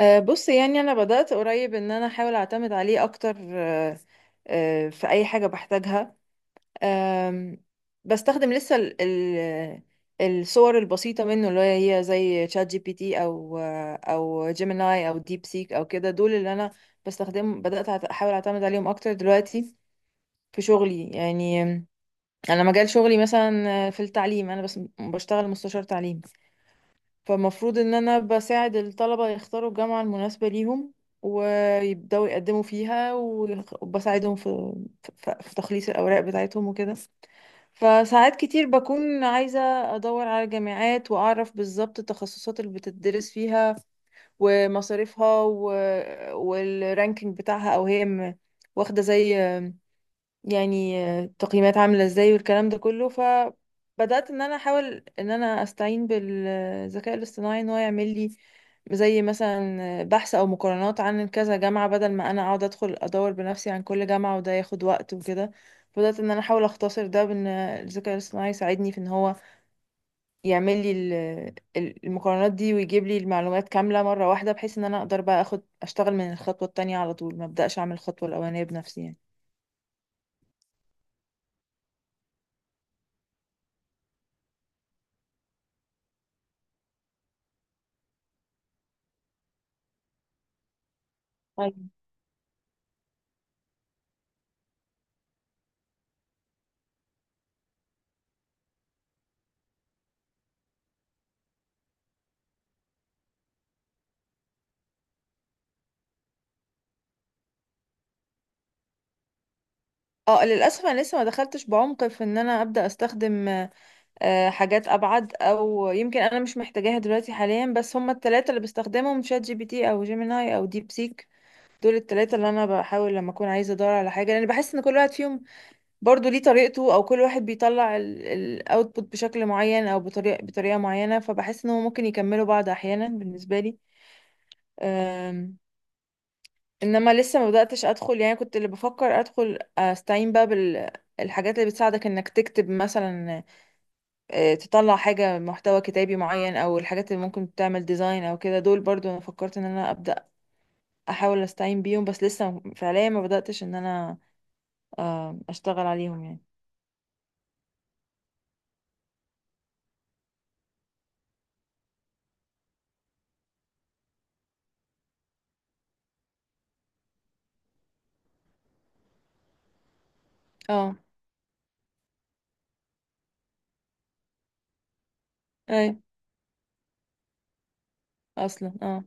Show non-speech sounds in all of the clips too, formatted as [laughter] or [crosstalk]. بص، يعني انا بدأت قريب ان انا احاول اعتمد عليه اكتر. أه، أه، في اي حاجة بحتاجها. أم، بستخدم لسه ال الصور البسيطة منه، اللي هي زي شات جي بي تي او او جيميناي او ديب سيك او كده. دول اللي انا بستخدم، بدأت احاول اعتمد عليهم اكتر دلوقتي في شغلي. يعني انا مجال شغلي مثلا في التعليم، انا بس بشتغل مستشار تعليم، فالمفروض ان انا بساعد الطلبة يختاروا الجامعة المناسبة ليهم، ويبدأوا يقدموا فيها، وبساعدهم في تخليص الأوراق بتاعتهم وكده. فساعات كتير بكون عايزة أدور على جامعات، وأعرف بالظبط التخصصات اللي بتدرس فيها ومصاريفها، والرانكينج بتاعها، أو هي واخدة زي، يعني، التقييمات عاملة ازاي والكلام ده كله. فبدأت ان انا احاول ان انا استعين بالذكاء الاصطناعي ان هو يعمل لي زي مثلا بحث او مقارنات عن كذا جامعة، بدل ما انا اقعد ادخل ادور بنفسي عن كل جامعة، وده ياخد وقت وكده. بدأت ان انا احاول اختصر ده بان الذكاء الاصطناعي يساعدني في ان هو يعمل لي المقارنات دي، ويجيب لي المعلومات كاملة مرة واحدة، بحيث ان انا اقدر بقى اخد اشتغل من الخطوة التانية على طول، ما ابدأش اعمل الخطوة الاولانية بنفسي يعني. اه، للاسف انا لسه ما دخلتش بعمق في ان انا ابدا استخدم حاجات ابعد، او يمكن انا مش محتاجاها دلوقتي حاليا، بس هما التلاتة اللي بستخدمهم شات جي بي تي او جيميناي او ديب سيك. دول التلاتة اللي انا بحاول لما اكون عايزه ادور على حاجه، لان بحس ان كل واحد فيهم برضو ليه طريقته، او كل واحد بيطلع الاوتبوت بشكل معين او بطريقه معينه، فبحس ان هو ممكن يكملوا بعض احيانا بالنسبه لي. انما لسه ما بداتش ادخل، يعني كنت اللي بفكر ادخل استعين بقى بالحاجات اللي بتساعدك انك تكتب مثلا تطلع حاجه محتوى كتابي معين، او الحاجات اللي ممكن تعمل ديزاين او كده. دول برضو انا فكرت ان انا ابدا احاول استعين بيهم، بس لسه فعليا ما بداتش ان انا اشتغل عليهم يعني. اه. اي. اصلا اه.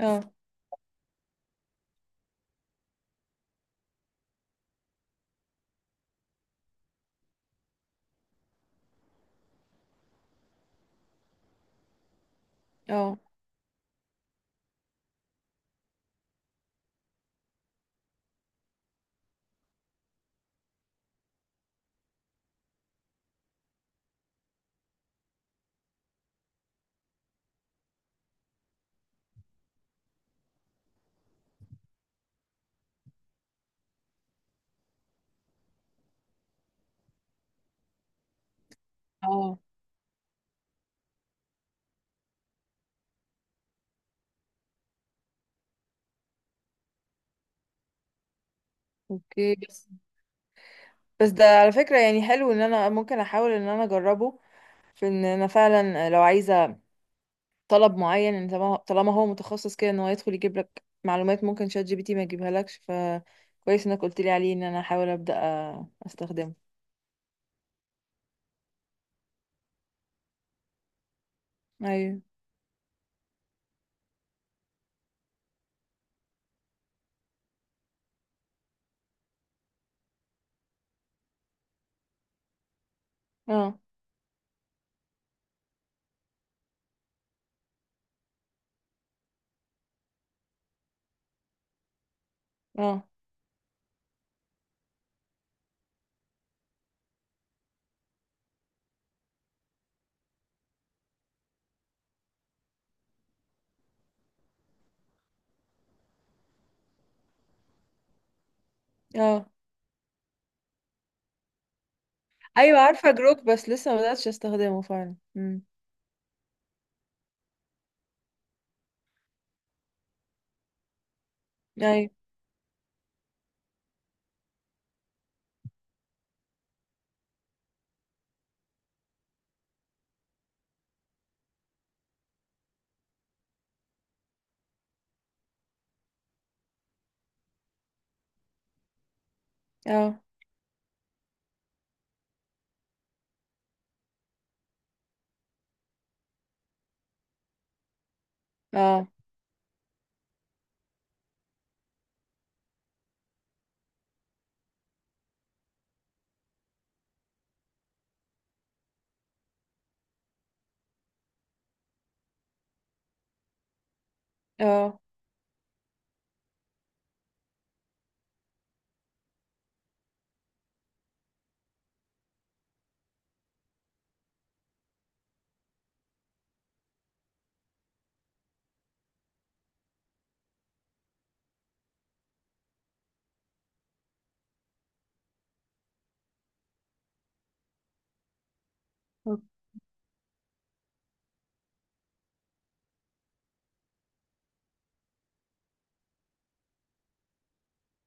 اه. اه. اه. اوكي، بس ده على فكره، يعني حلو ان انا ممكن احاول ان انا اجربه، في ان انا فعلا لو عايزه طلب معين، يعني طالما هو متخصص كده، ان هو يدخل يجيب لك معلومات ممكن شات جي بي تي ما يجيبها لكش، فكويس انك قلت لي عليه ان انا احاول ابدا استخدمه. ايوه. اه. اه. اه. ايوه، عارفه جروك، بس لسه ما بداتش استخدمه فعلا. امم. [laughs] ايوه. اه. اه. اه.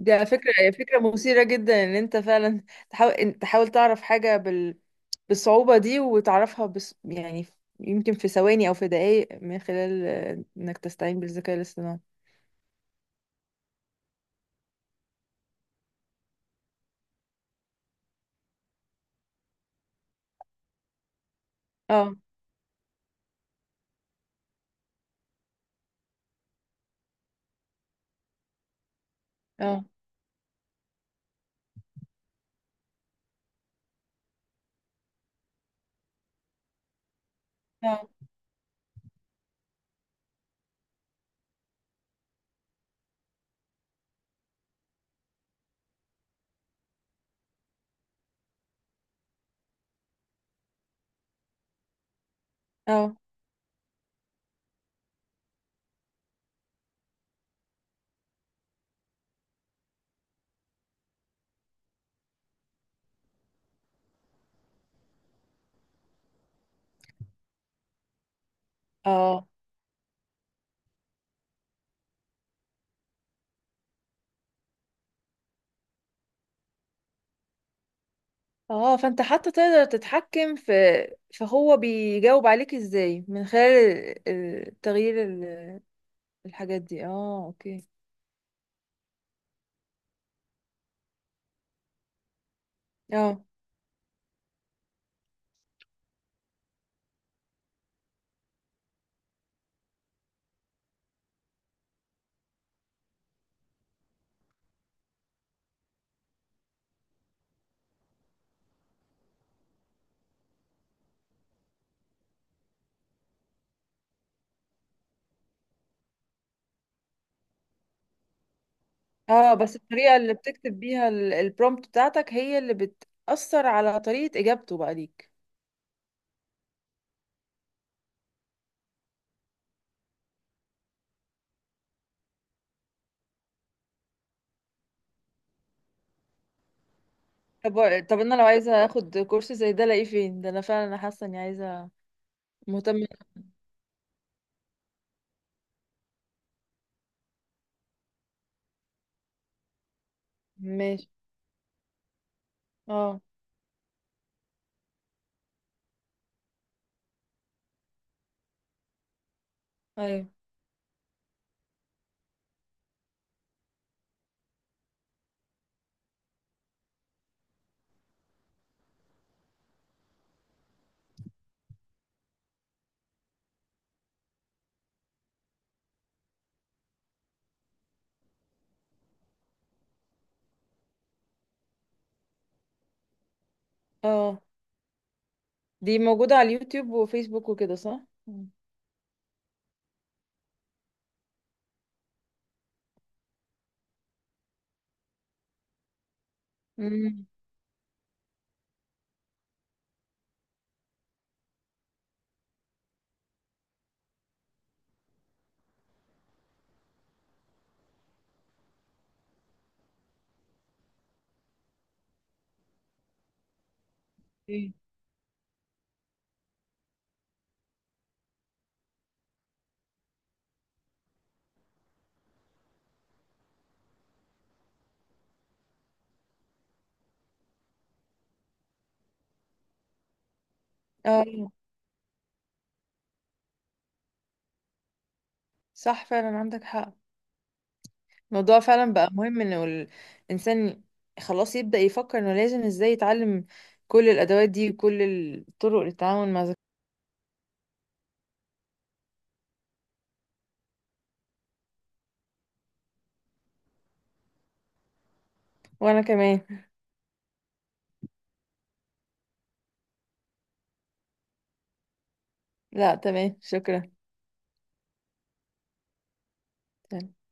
دي على فكره هي فكره مثيره جدا، ان انت فعلا تحاول تعرف حاجه بالصعوبه دي وتعرفها، بس يعني يمكن في ثواني او في دقائق من خلال انك تستعين بالذكاء الاصطناعي. اه. اه. اه. اه. اه. اه. فانت حتى تقدر تتحكم في، فهو بيجاوب عليك ازاي من خلال تغيير الحاجات دي. اه. اوكي. اه. اه، بس الطريقة اللي بتكتب بيها البرومبت بتاعتك هي اللي بتأثر على طريقة اجابته بقى ليك. طب طب انا لو عايزة اخد كورس زي ده الاقيه فين؟ ده انا فعلا حاسة اني عايزة، مهتمة. ماشي. اه. ايوه. اه. دي موجودة على اليوتيوب وفيسبوك وكده، صح؟ مم. امم. اه، صح فعلا، عندك حق. الموضوع فعلا بقى مهم، انه الانسان خلاص يبدأ يفكر انه لازم ازاي يتعلم كل الادوات دي، وكل الطرق للتعامل مع ذكاء. وانا كمان. لا، تمام، شكرا. تمام.